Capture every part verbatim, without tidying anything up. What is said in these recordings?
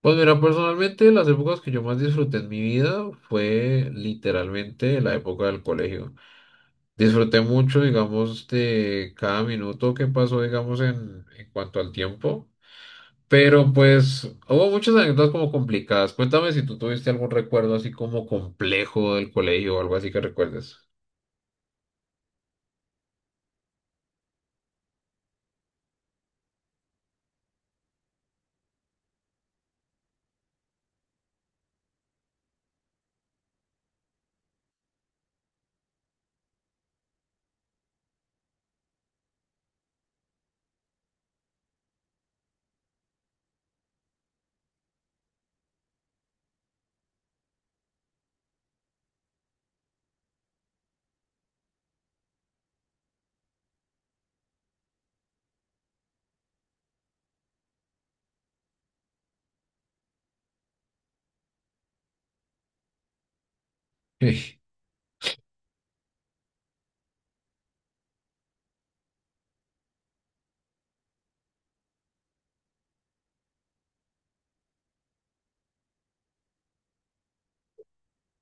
Pues mira, personalmente las épocas que yo más disfruté en mi vida fue literalmente la época del colegio. Disfruté mucho, digamos, de cada minuto que pasó, digamos, en, en cuanto al tiempo. Pero pues hubo muchas anécdotas como complicadas. Cuéntame si tú tuviste algún recuerdo así como complejo del colegio o algo así que recuerdes. Sí.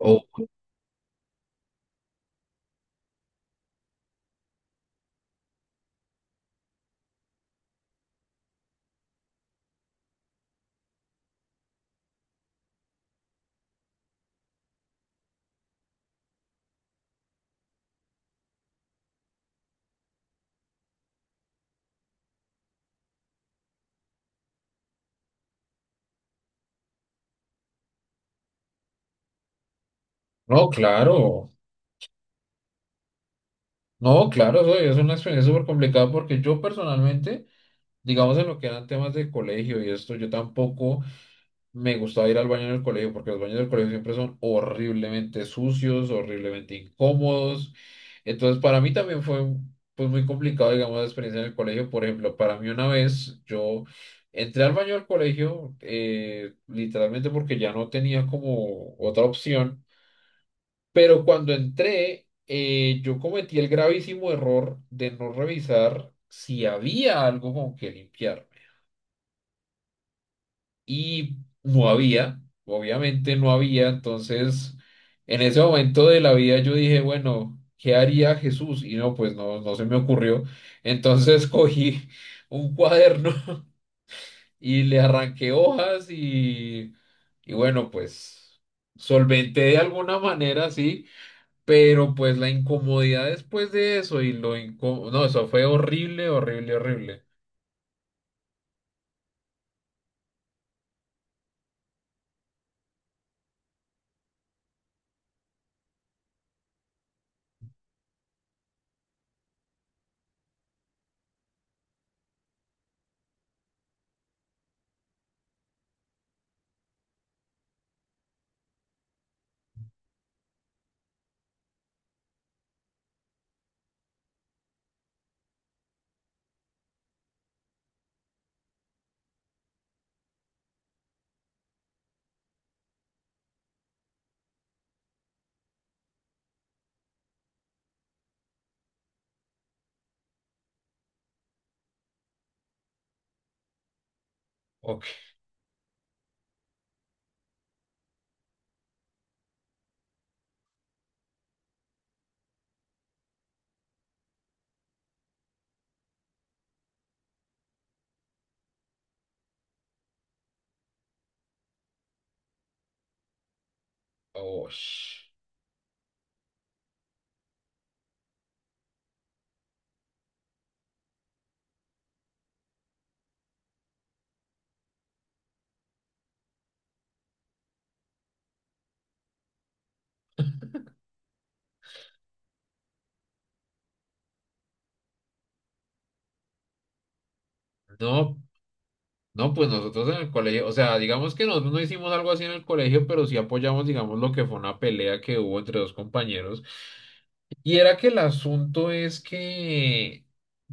Oh, no, claro. No, claro, eso es una experiencia súper complicada porque yo personalmente, digamos en lo que eran temas de colegio y esto, yo tampoco. Me gustaba ir al baño en el colegio porque los baños del colegio siempre son horriblemente sucios, horriblemente incómodos. Entonces, para mí también fue pues, muy complicado, digamos, la experiencia en el colegio. Por ejemplo, para mí una vez yo entré al baño del colegio eh, literalmente porque ya no tenía como otra opción. Pero cuando entré, eh, yo cometí el gravísimo error de no revisar si había algo con que limpiarme. Y no había, obviamente no había, entonces en ese momento de la vida yo dije, bueno, ¿qué haría Jesús? Y no, pues no, no se me ocurrió, entonces cogí un cuaderno y le arranqué hojas y, y bueno, pues solventé de alguna manera, sí, pero pues la incomodidad después de eso y lo incó- no, eso fue horrible, horrible, horrible. Ok, oh, no. No, pues nosotros en el colegio, o sea, digamos que nosotros no hicimos algo así en el colegio, pero sí apoyamos, digamos, lo que fue una pelea que hubo entre dos compañeros. Y era que el asunto es que,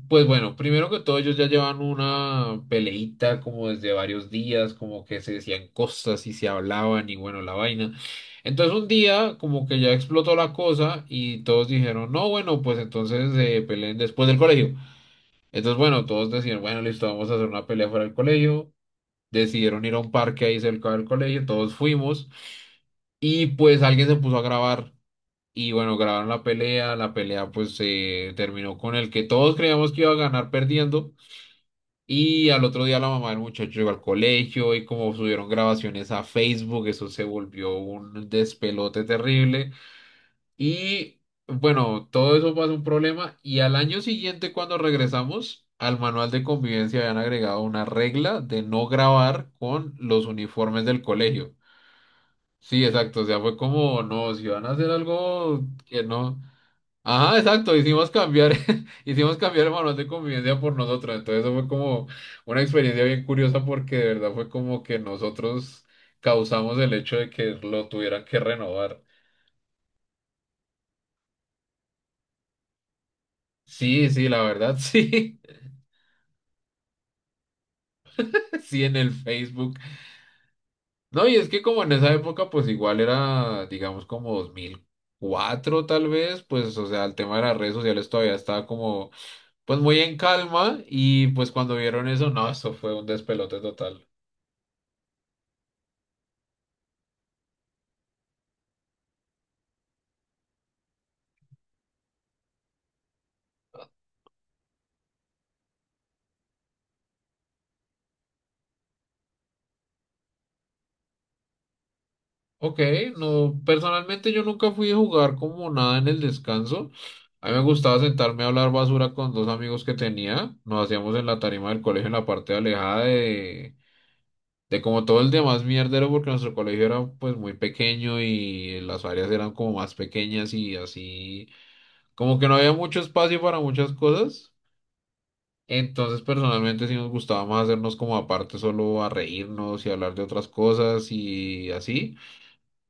pues bueno, primero que todo, ellos ya llevan una peleita como desde varios días, como que se decían cosas y se hablaban y bueno, la vaina. Entonces un día como que ya explotó la cosa y todos dijeron, no, bueno, pues entonces eh, peleen después del colegio. Entonces, bueno, todos decían, bueno, listo, vamos a hacer una pelea fuera del colegio, decidieron ir a un parque ahí cerca del colegio, todos fuimos y pues alguien se puso a grabar y bueno, grabaron la pelea, la pelea pues se terminó con el que todos creíamos que iba a ganar perdiendo, y al otro día la mamá del muchacho llegó al colegio y como subieron grabaciones a Facebook, eso se volvió un despelote terrible. Y bueno, todo eso pasa un problema y al año siguiente cuando regresamos al manual de convivencia habían agregado una regla de no grabar con los uniformes del colegio. Sí, exacto, o sea, fue como, no, si van a hacer algo que no. Ajá, exacto, hicimos cambiar, hicimos cambiar el manual de convivencia por nosotros, entonces eso fue como una experiencia bien curiosa porque de verdad fue como que nosotros causamos el hecho de que lo tuvieran que renovar. Sí, sí, la verdad, sí. Sí, en el Facebook. No, y es que como en esa época, pues igual era, digamos, como dos mil cuatro tal vez, pues, o sea, el tema de las redes sociales todavía estaba como, pues muy en calma y pues cuando vieron eso, no, eso fue un despelote total. Ok, no, personalmente yo nunca fui a jugar como nada en el descanso. A mí me gustaba sentarme a hablar basura con dos amigos que tenía. Nos hacíamos en la tarima del colegio en la parte alejada de de como todo el demás mierdero, porque nuestro colegio era pues muy pequeño y las áreas eran como más pequeñas y así, como que no había mucho espacio para muchas cosas. Entonces, personalmente sí nos gustaba más hacernos como aparte solo a reírnos y hablar de otras cosas y así.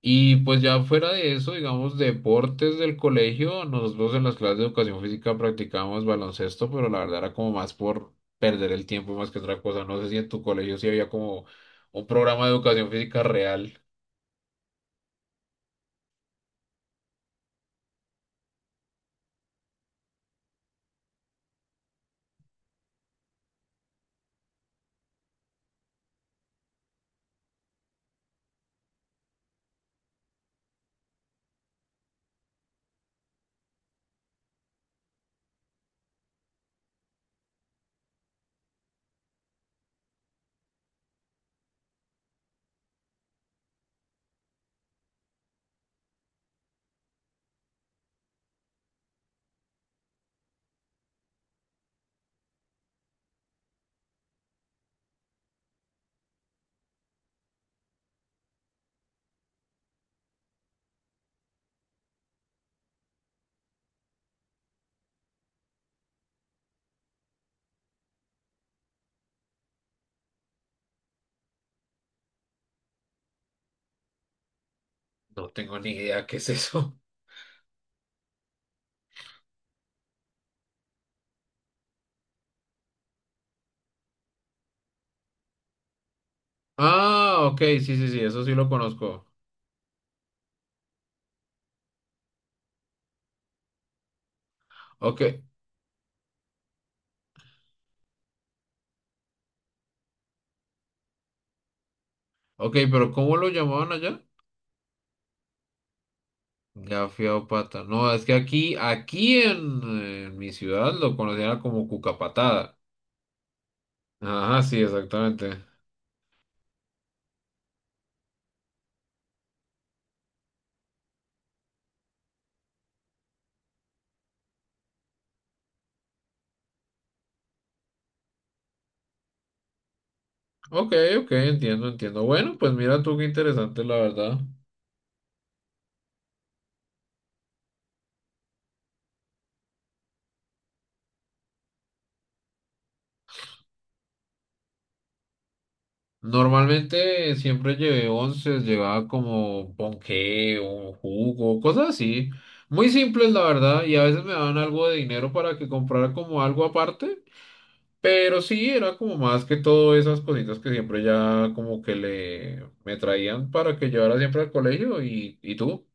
Y pues ya fuera de eso, digamos, deportes del colegio, nosotros en las clases de educación física practicábamos baloncesto, pero la verdad era como más por perder el tiempo más que otra cosa. No sé si en tu colegio sí había como un programa de educación física real. No tengo ni idea qué es eso. Ah, ok, sí, sí, sí, eso sí lo conozco. Ok, ok, pero ¿cómo lo llamaban allá? Gafiao pata. No, es que aquí, aquí en, en mi ciudad lo conocían como cucapatada. Ajá, sí, exactamente. Ok, ok, entiendo, entiendo. Bueno, pues mira tú qué interesante, la verdad. Normalmente siempre llevé once, llevaba como ponqué o jugo, cosas así. Muy simples, la verdad, y a veces me daban algo de dinero para que comprara como algo aparte, pero sí, era como más que todo esas cositas que siempre ya como que le me traían para que llevara siempre al colegio y, y tú.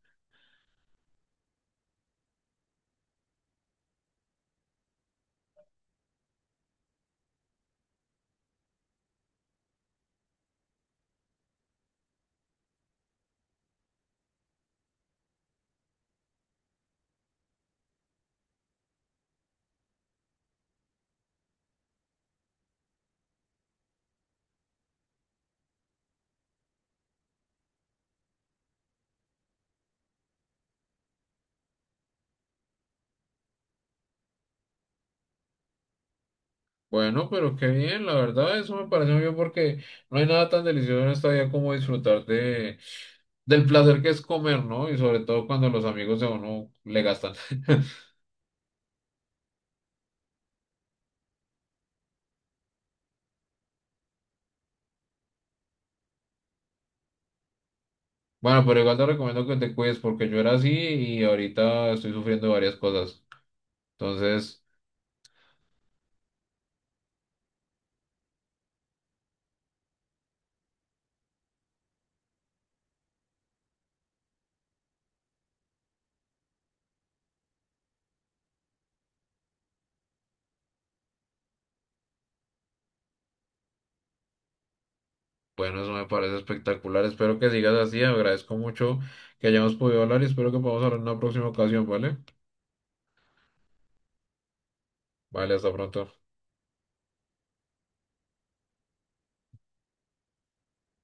Bueno, pero qué bien, la verdad, eso me parece muy bien porque no hay nada tan delicioso en esta vida como disfrutar de del placer que es comer, ¿no? Y sobre todo cuando los amigos de uno le gastan. Bueno, pero igual te recomiendo que te cuides porque yo era así y ahorita estoy sufriendo varias cosas. Entonces, bueno, eso me parece espectacular. Espero que sigas así. Agradezco mucho que hayamos podido hablar y espero que podamos hablar en una próxima ocasión, ¿vale? Vale, hasta pronto.